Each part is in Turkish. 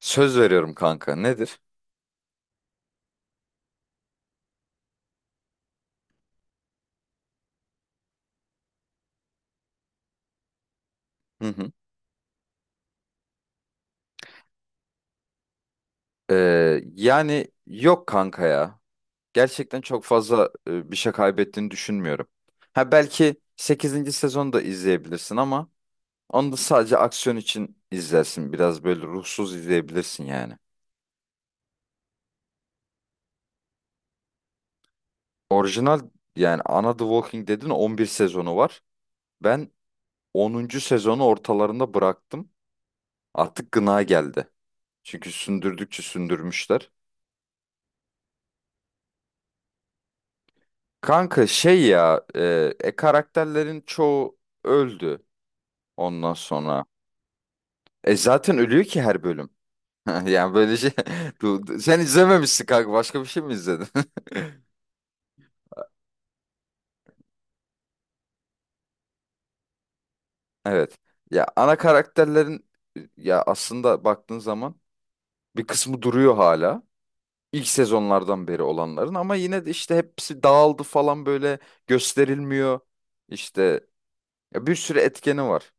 Söz veriyorum kanka. Nedir? Hı hı. Yani yok kanka ya. Gerçekten çok fazla bir şey kaybettiğini düşünmüyorum. Ha belki sekizinci sezonu da izleyebilirsin ama onu da sadece aksiyon için izlersin. Biraz böyle ruhsuz izleyebilirsin yani. Orijinal yani ana The Walking Dead'in 11 sezonu var. Ben onuncu sezonu ortalarında bıraktım. Artık gına geldi. Çünkü sündürdükçe sündürmüşler. Kanka şey ya karakterlerin çoğu öldü ondan sonra. E zaten ölüyor ki her bölüm. Yani böyle şey sen izlememişsin kanka, başka bir şey mi izledin? Evet. Ya ana karakterlerin ya aslında baktığın zaman bir kısmı duruyor hala. İlk sezonlardan beri olanların, ama yine de işte hepsi dağıldı falan böyle gösterilmiyor. İşte ya bir sürü etkeni var.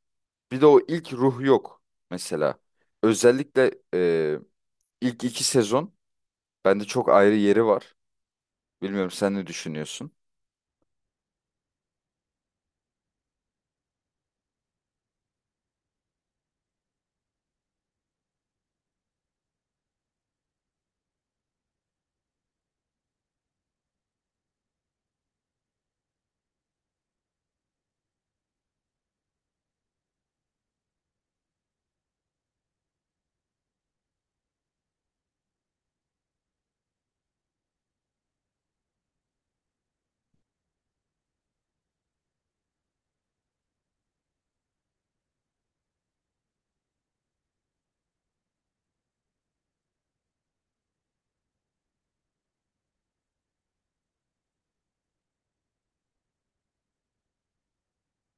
Bir de o ilk ruh yok mesela. Özellikle İlk iki sezon bende çok ayrı yeri var. Bilmiyorum, sen ne düşünüyorsun?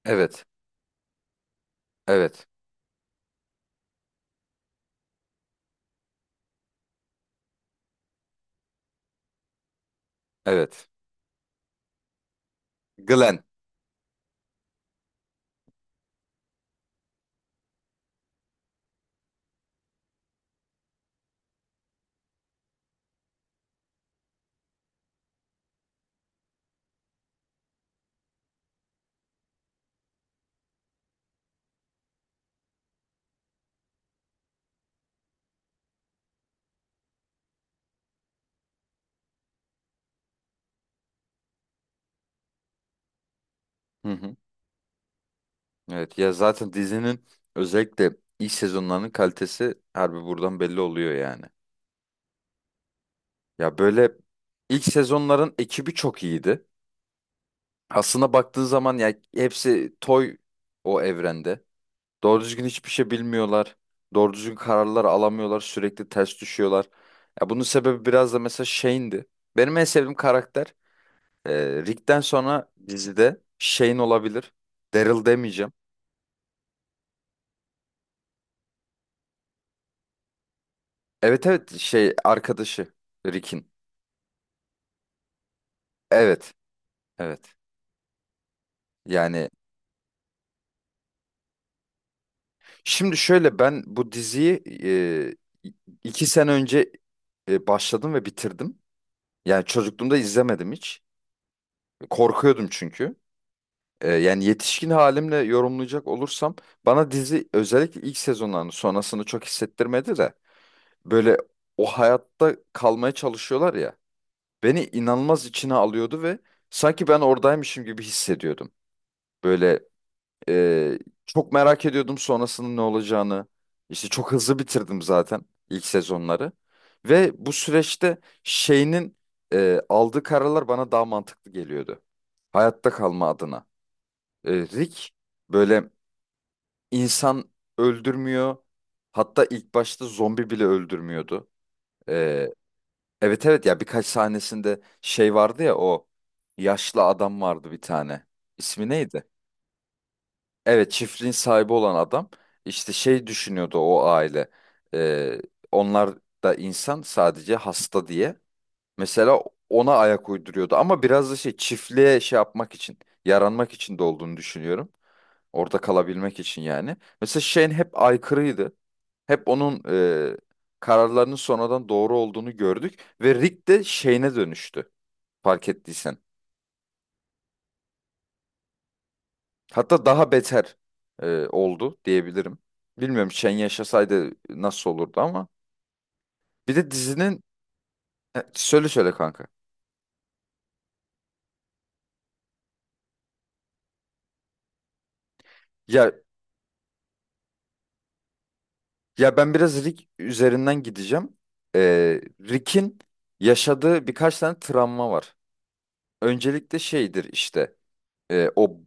Evet, evet, evet. Glenn. Hı hı. Evet ya, zaten dizinin özellikle ilk sezonlarının kalitesi harbi buradan belli oluyor yani. Ya böyle ilk sezonların ekibi çok iyiydi. Aslında baktığın zaman ya hepsi toy o evrende. Doğru düzgün hiçbir şey bilmiyorlar. Doğru düzgün kararlar alamıyorlar. Sürekli ters düşüyorlar. Ya bunun sebebi biraz da mesela Shane'di. Benim en sevdiğim karakter Rick'ten sonra dizide Shane olabilir. Daryl demeyeceğim. Evet evet, şey, arkadaşı Rick'in. Evet evet. Yani şimdi şöyle, ben bu diziyi iki sene önce başladım ve bitirdim. Yani çocukluğumda izlemedim hiç. Korkuyordum çünkü. Yani yetişkin halimle yorumlayacak olursam bana dizi özellikle ilk sezonlarını sonrasını çok hissettirmedi de, böyle o hayatta kalmaya çalışıyorlar ya, beni inanılmaz içine alıyordu ve sanki ben oradaymışım gibi hissediyordum. Böyle e, çok merak ediyordum sonrasının ne olacağını. İşte çok hızlı bitirdim zaten ilk sezonları. Ve bu süreçte şeyinin aldığı kararlar bana daha mantıklı geliyordu. Hayatta kalma adına. E, Rick böyle insan öldürmüyor. Hatta ilk başta zombi bile öldürmüyordu. E, Evet evet, ya birkaç sahnesinde şey vardı ya, o yaşlı adam vardı bir tane. İsmi neydi? Evet, çiftliğin sahibi olan adam, işte şey düşünüyordu o aile. Ee, Onlar da insan, sadece hasta diye. Mesela ona ayak uyduruyordu ama biraz da şey, çiftliğe şey yapmak için, yaranmak için de olduğunu düşünüyorum. Orada kalabilmek için yani. Mesela Shane hep aykırıydı. Hep onun e, kararlarının sonradan doğru olduğunu gördük ve Rick de Shane'e dönüştü, fark ettiysen. Hatta daha beter oldu diyebilirim. Bilmiyorum Shen yaşasaydı nasıl olurdu ama. Bir de dizinin söyle söyle kanka. Ya ya ben biraz Rick üzerinden gideceğim. E, Rick'in yaşadığı birkaç tane travma var. Öncelikle şeydir işte o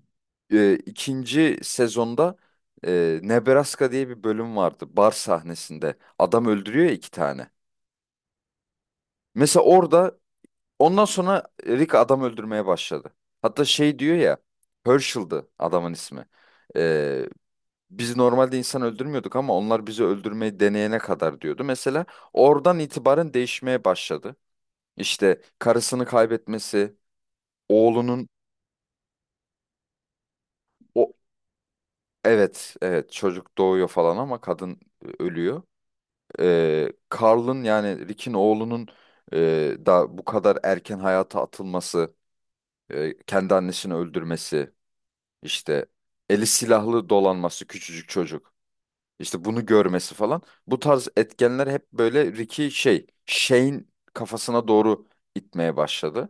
ikinci sezonda Nebraska diye bir bölüm vardı, bar sahnesinde. Adam öldürüyor ya, iki tane. Mesela orada, ondan sonra Rick adam öldürmeye başladı. Hatta şey diyor ya, Herschel'dı adamın ismi. Ee, Biz normalde insan öldürmüyorduk ama onlar bizi öldürmeyi deneyene kadar diyordu. Mesela oradan itibaren değişmeye başladı. İşte karısını kaybetmesi, oğlunun o, evet evet, çocuk doğuyor falan ama kadın ölüyor. Ee, Carl'ın, yani Rick'in oğlunun da bu kadar erken hayata atılması, kendi annesini öldürmesi. İşte eli silahlı dolanması küçücük çocuk. İşte bunu görmesi falan. Bu tarz etkenler hep böyle Ricky şey, Shane kafasına doğru itmeye başladı.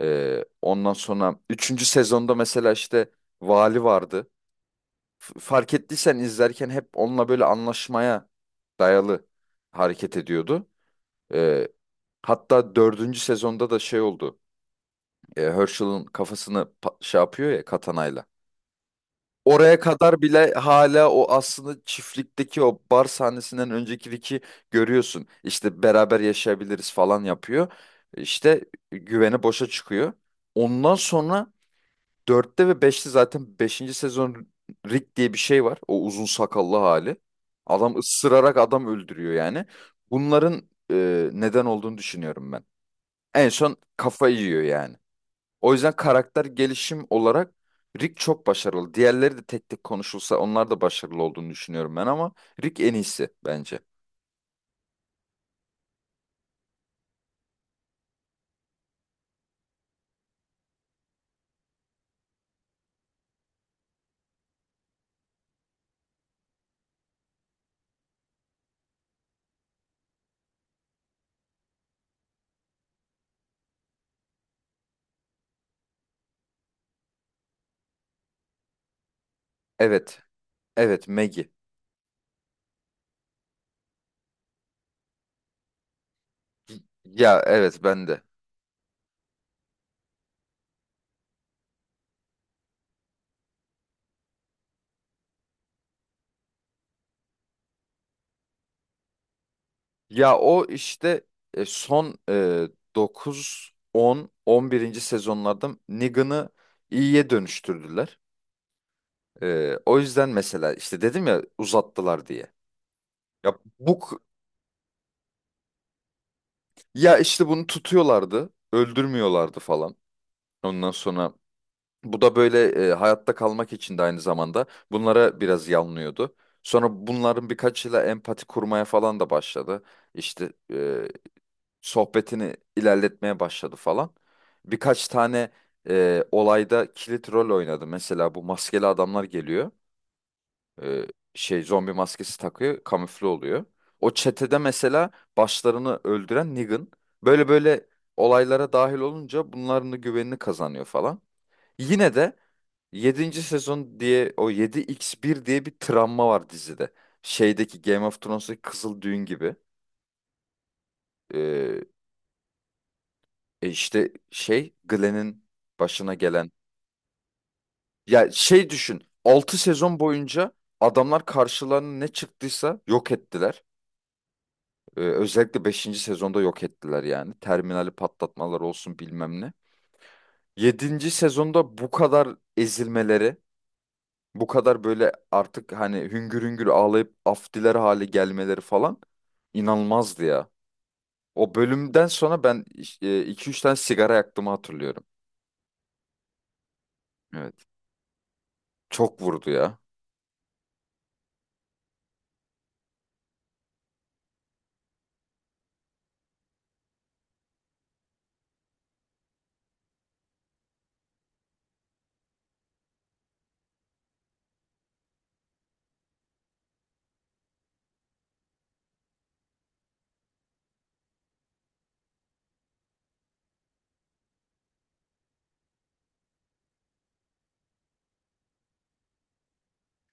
Ondan sonra üçüncü sezonda mesela işte vali vardı. Fark ettiysen izlerken hep onunla böyle anlaşmaya dayalı hareket ediyordu. Ee, Hatta dördüncü sezonda da şey oldu. Herschel'ın kafasını şey yapıyor ya, katanayla. Oraya kadar bile hala o aslında, çiftlikteki o bar sahnesinden öncekideki görüyorsun. İşte beraber yaşayabiliriz falan yapıyor. İşte güveni boşa çıkıyor. Ondan sonra 4'te ve 5'te, zaten beşinci sezon Rick diye bir şey var. O uzun sakallı hali. Adam ısırarak adam öldürüyor yani. Bunların neden olduğunu düşünüyorum ben. En son kafa yiyor yani. O yüzden karakter gelişim olarak Rick çok başarılı. Diğerleri de tek tek konuşulsa onlar da başarılı olduğunu düşünüyorum ben ama Rick en iyisi bence. Evet. Evet, Maggie. Ya evet, ben de. Ya o işte son dokuz, on, on birinci sezonlarda Negan'ı iyiye dönüştürdüler. E, o yüzden mesela işte dedim ya uzattılar diye. Ya bu ya işte bunu tutuyorlardı, öldürmüyorlardı falan. Ondan sonra bu da böyle hayatta kalmak için de aynı zamanda bunlara biraz yanlıyordu. Sonra bunların birkaçıyla empati kurmaya falan da başladı. İşte sohbetini ilerletmeye başladı falan. Birkaç tane olayda kilit rol oynadı. Mesela bu maskeli adamlar geliyor. E, Şey, zombi maskesi takıyor, kamufle oluyor. O çetede mesela başlarını öldüren Negan. Böyle böyle olaylara dahil olunca bunların da güvenini kazanıyor falan. Yine de yedinci sezon diye, o 7 x bir diye bir travma var dizide. Şeydeki Game of Thrones'daki Kızıl Düğün gibi. Ee, E işte şey, Glenn'in başına gelen. Ya şey düşün, 6 sezon boyunca adamlar karşılarına ne çıktıysa yok ettiler. Özellikle beşinci sezonda yok ettiler yani. Terminali patlatmalar olsun, bilmem ne. Yedinci sezonda bu kadar ezilmeleri, bu kadar böyle artık hani hüngür hüngür ağlayıp af diler hale gelmeleri falan, inanılmazdı ya. O bölümden sonra ben iki üç tane sigara yaktığımı hatırlıyorum. Evet. Çok vurdu ya.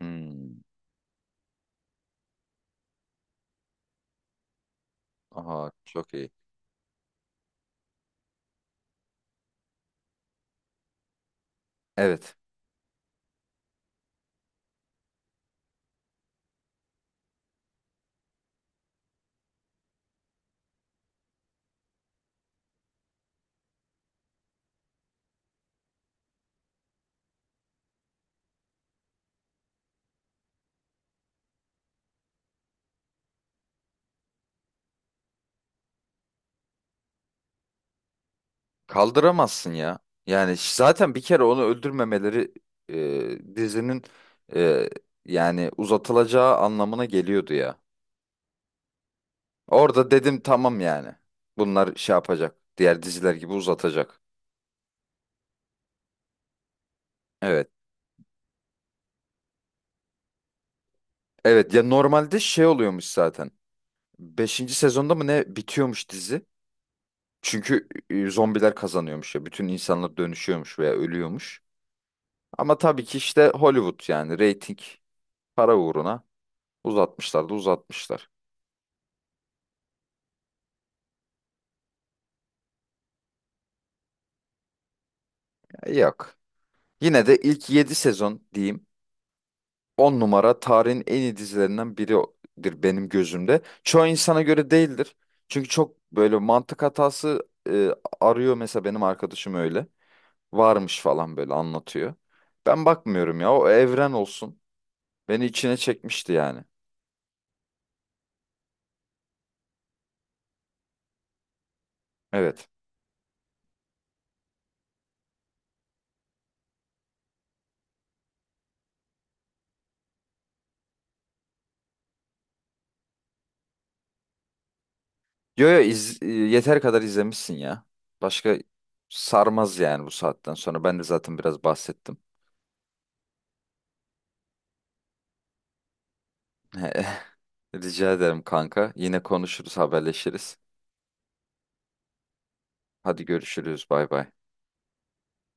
Hmm. Aha çok iyi. Evet. Kaldıramazsın ya. Yani zaten bir kere onu öldürmemeleri dizinin e, yani uzatılacağı anlamına geliyordu ya. Orada dedim tamam yani. Bunlar şey yapacak. Diğer diziler gibi uzatacak. Evet. Evet ya, normalde şey oluyormuş zaten. Beşinci sezonda mı ne bitiyormuş dizi. Çünkü zombiler kazanıyormuş ya. Bütün insanlar dönüşüyormuş veya ölüyormuş. Ama tabii ki işte Hollywood, yani reyting, para uğruna uzatmışlar da uzatmışlar. Ya yok. Yine de ilk 7 sezon diyeyim, 10 numara, tarihin en iyi dizilerinden biridir benim gözümde. Çoğu insana göre değildir. Çünkü çok böyle mantık hatası arıyor mesela, benim arkadaşım öyle. Varmış falan böyle anlatıyor. Ben bakmıyorum ya, o evren olsun. Beni içine çekmişti yani. Evet. Yeter kadar izlemişsin ya. Başka sarmaz yani bu saatten sonra. Ben de zaten biraz bahsettim. Rica ederim kanka. Yine konuşuruz, haberleşiriz. Hadi görüşürüz. Bay bay.